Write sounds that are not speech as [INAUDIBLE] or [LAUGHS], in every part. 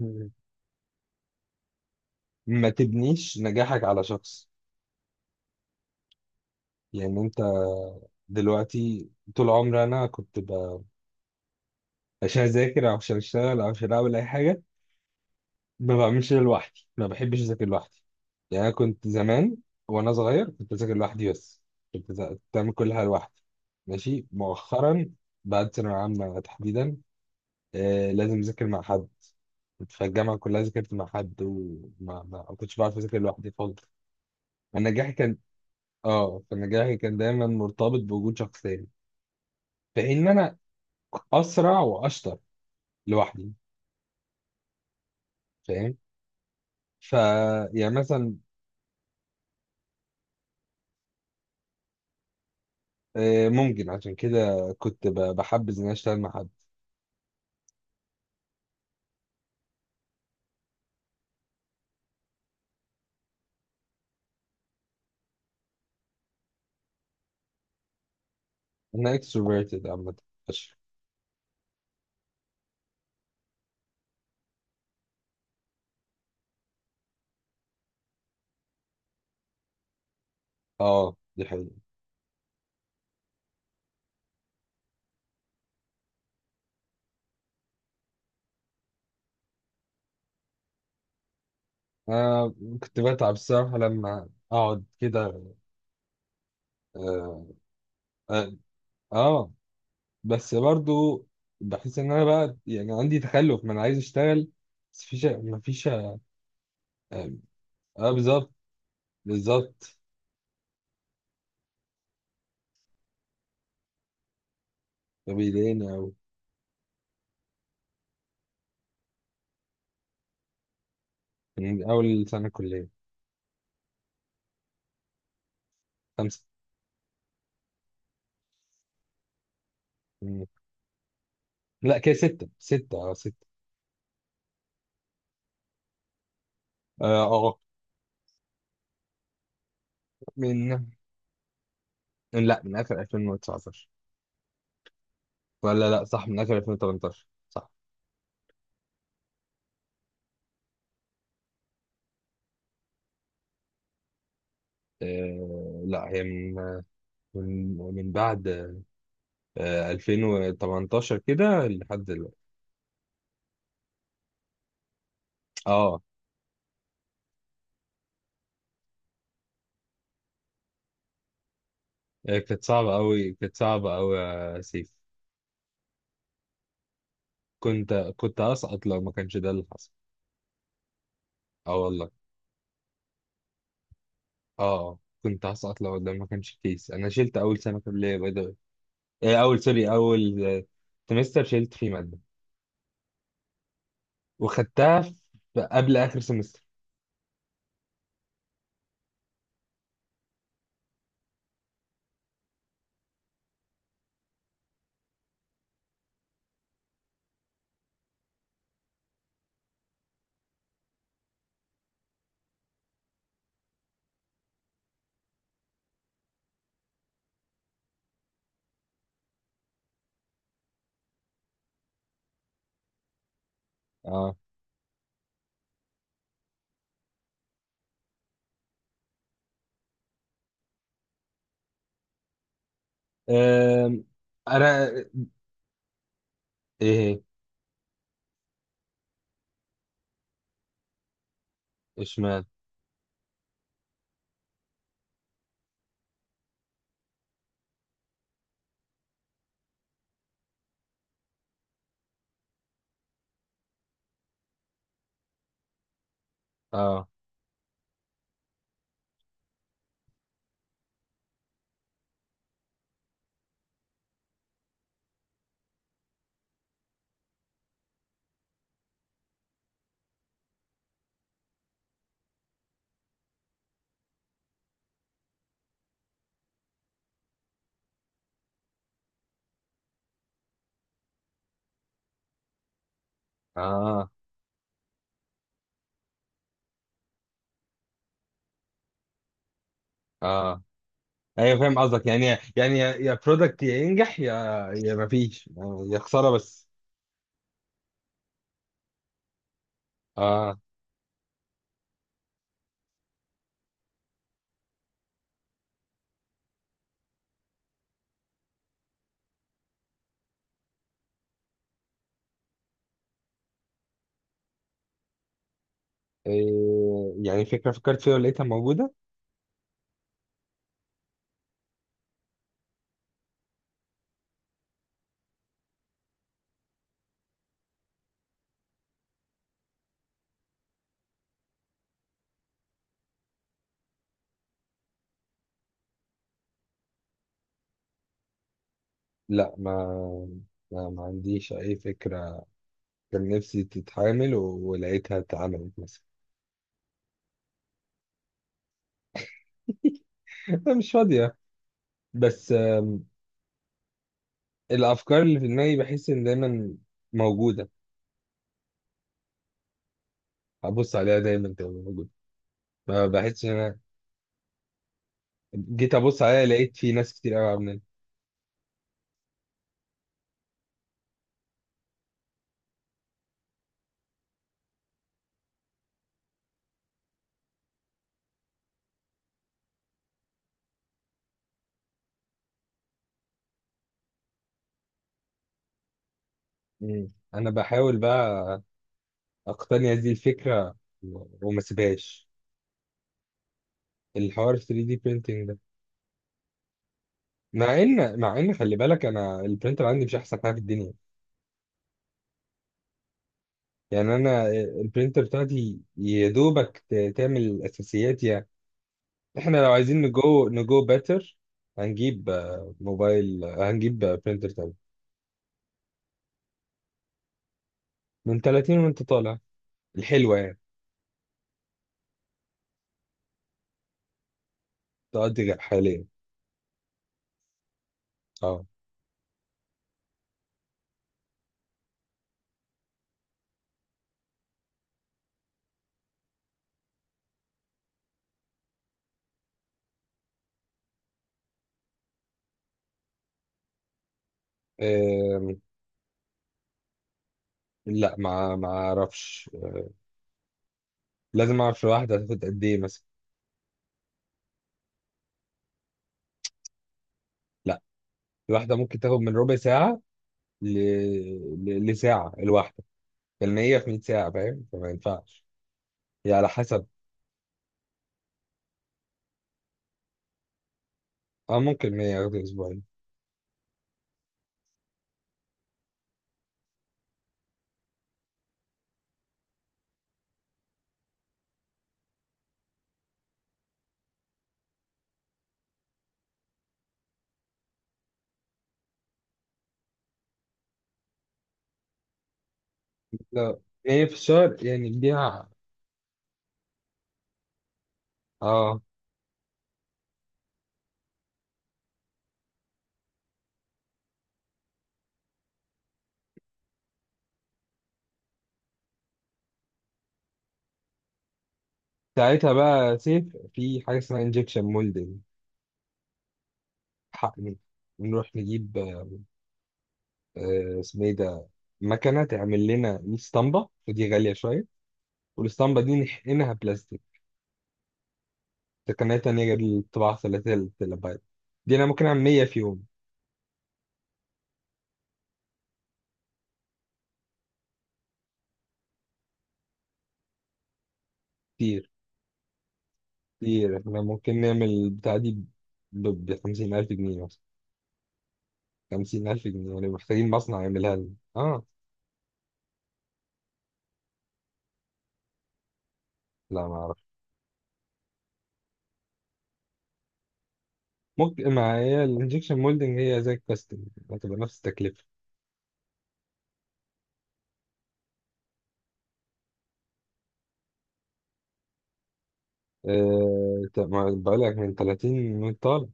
مم. ما تبنيش نجاحك على شخص. يعني انت دلوقتي، طول عمري انا عشان اذاكر او عشان اشتغل او عشان اعمل اي حاجه، ما بعملش ده لوحدي، ما بحبش اذاكر لوحدي. يعني انا كنت زمان وانا صغير كنت اذاكر لوحدي بس، كنت بعمل كل حاجه لوحدي ماشي. مؤخرا بعد ثانويه عامه تحديدا، آه لازم اذاكر مع حد. كنت في الجامعه كلها ذاكرت مع حد، وما ما ما كنتش بعرف اذاكر لوحدي خالص. أنا نجاحي كان اه فنجاحي كان دايما مرتبط بوجود شخصين، في حين ان انا اسرع واشطر لوحدي، فاهم؟ ف يعني مثلا، ممكن عشان كده كنت بحبذ ان أنا اشتغل مع حد. انا اكستروفيرتد عامه فشخ. اه دي حقيقة. أنا كنت بتعب الصراحة لما أقعد كده. آه، آه، آه بس برضو بحس إن أنا بقى يعني عندي تخلف، ما أنا عايز أشتغل بس مفيش آه، آه بالظبط بالظبط. فبيضايقني أوي. مم، أول سنة كلية. خمسة. مم. لا كده ستة ستة أه ستة. أه آه، آه. من لا من آخر 2019. ولا لا صح، من آخر 2018 صح. أه لا هي من من بعد أه 2018 كده لحد دلوقتي. أه آه، كانت صعبة أوي، كانت صعبة أوي يا سيف. كنت هسقط لو ما كانش ده اللي حصل. أه والله. أه آه، كنت هسقط لو ده ما كانش كيس. أنا شلت أول سنة كلية. إيه، اول آه، سمستر شلت فيه ماده، وخدتها قبل اخر سمستر. اه. آم، انا. ايه؟ اشمعنى؟ اه. اه. اه. ايوه فاهم قصدك. يعني يا برودكت، يا ينجح يا يا مفيش، آه، يا خساره بس. اه. إيه؟ يعني فكره فكرت فيها ولقيتها موجوده. لا ما عنديش اي فكره. كان نفسي تتعامل ولقيتها اتعملت مثلا. [LAUGHS] أنا مش فاضيه بس، الافكار اللي في دماغي بحس ان دايما موجوده. ابص عليها دايما تبقى موجوده. ما بحسش ان انا جيت ابص عليها لقيت في ناس كتير قوي عاملين. مم. انا بحاول بقى اقتني هذه الفكره وما سيبهاش. الحوار 3 دي printing ده. مع ان خلي بالك انا البرينتر عندي مش احسن حاجه في الدنيا. يعني انا البرينتر بتاعتي يا دوبك تعمل الاساسيات يعني. احنا لو عايزين نجو بيتر هنجيب آه، موبايل، آه، هنجيب برينتر من 30 وانت طالع الحلوة يعني. تقضي حاليا. اه. أم، لا ما اعرفش. لازم اعرف الواحدة هتاخد قد ايه مثلا. لا الواحدة ممكن تاخد من ربع ساعة ل... لساعة الواحدة، لان هي في 100 ساعة فاهم، فما ينفعش. هي على حسب. اه ممكن 100 ياخد اسبوعين. لا هي في الشهر يعني اديها. اه، ساعتها بقى سيف في حاجة اسمها انجكشن مولدنج. حقني نروح نجيب، آه، اسمه ايه ده، مكنه تعمل لنا 100 اسطمبه ودي غاليه شويه، والاسطمبه دي نحقنها بلاستيك. تقنيه تانية غير الطباعه ثلاثية التلابايت دي، انا ممكن اعمل 100 في يوم. كتير. كتير، احنا ممكن نعمل البتاعه دي ب 50000 جنيه مثلا. 50000 جنيه، يعني محتاجين مصنع يعملها لنا اه. لا ما اعرف. ممكن، ما هي الانجكشن مولدنج هي زي الكاستنج، هتبقى نفس التكلفه. أه... طب ما بقول لك من 30 وانت طالع.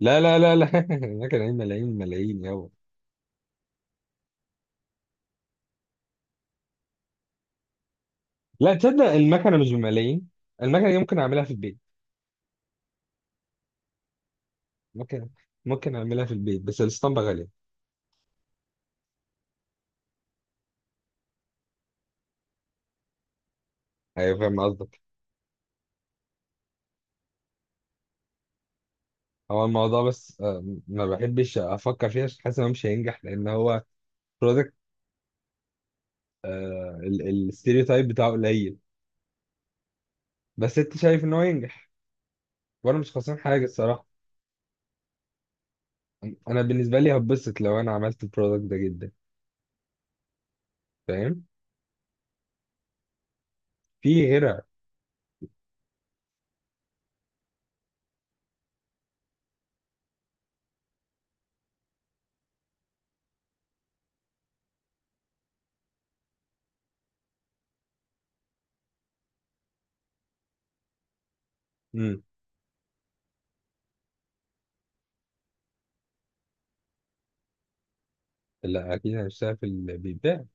لا لا لا لا [LAUGHS] هناك ملايين ملايين ملايين يابا. لا تصدق المكنه مش بملايين، المكنه دي ممكن اعملها في البيت. ممكن. ممكن اعملها في البيت بس الاسطمبه غاليه. ايوه فاهم قصدك. هو الموضوع بس آه، ما بحبش افكر فيه عشان حاسس ان هو مش هينجح، لان هو برودكت الستيريوتايب بتاعه قليل. بس انت شايف ان هو ينجح، وانا مش خسران حاجه الصراحه. انا بالنسبه لي هبسط لو انا عملت البرودكت ده جدا. فاهم. في غيرها. امم. لا اكيد هشتغل في البيت.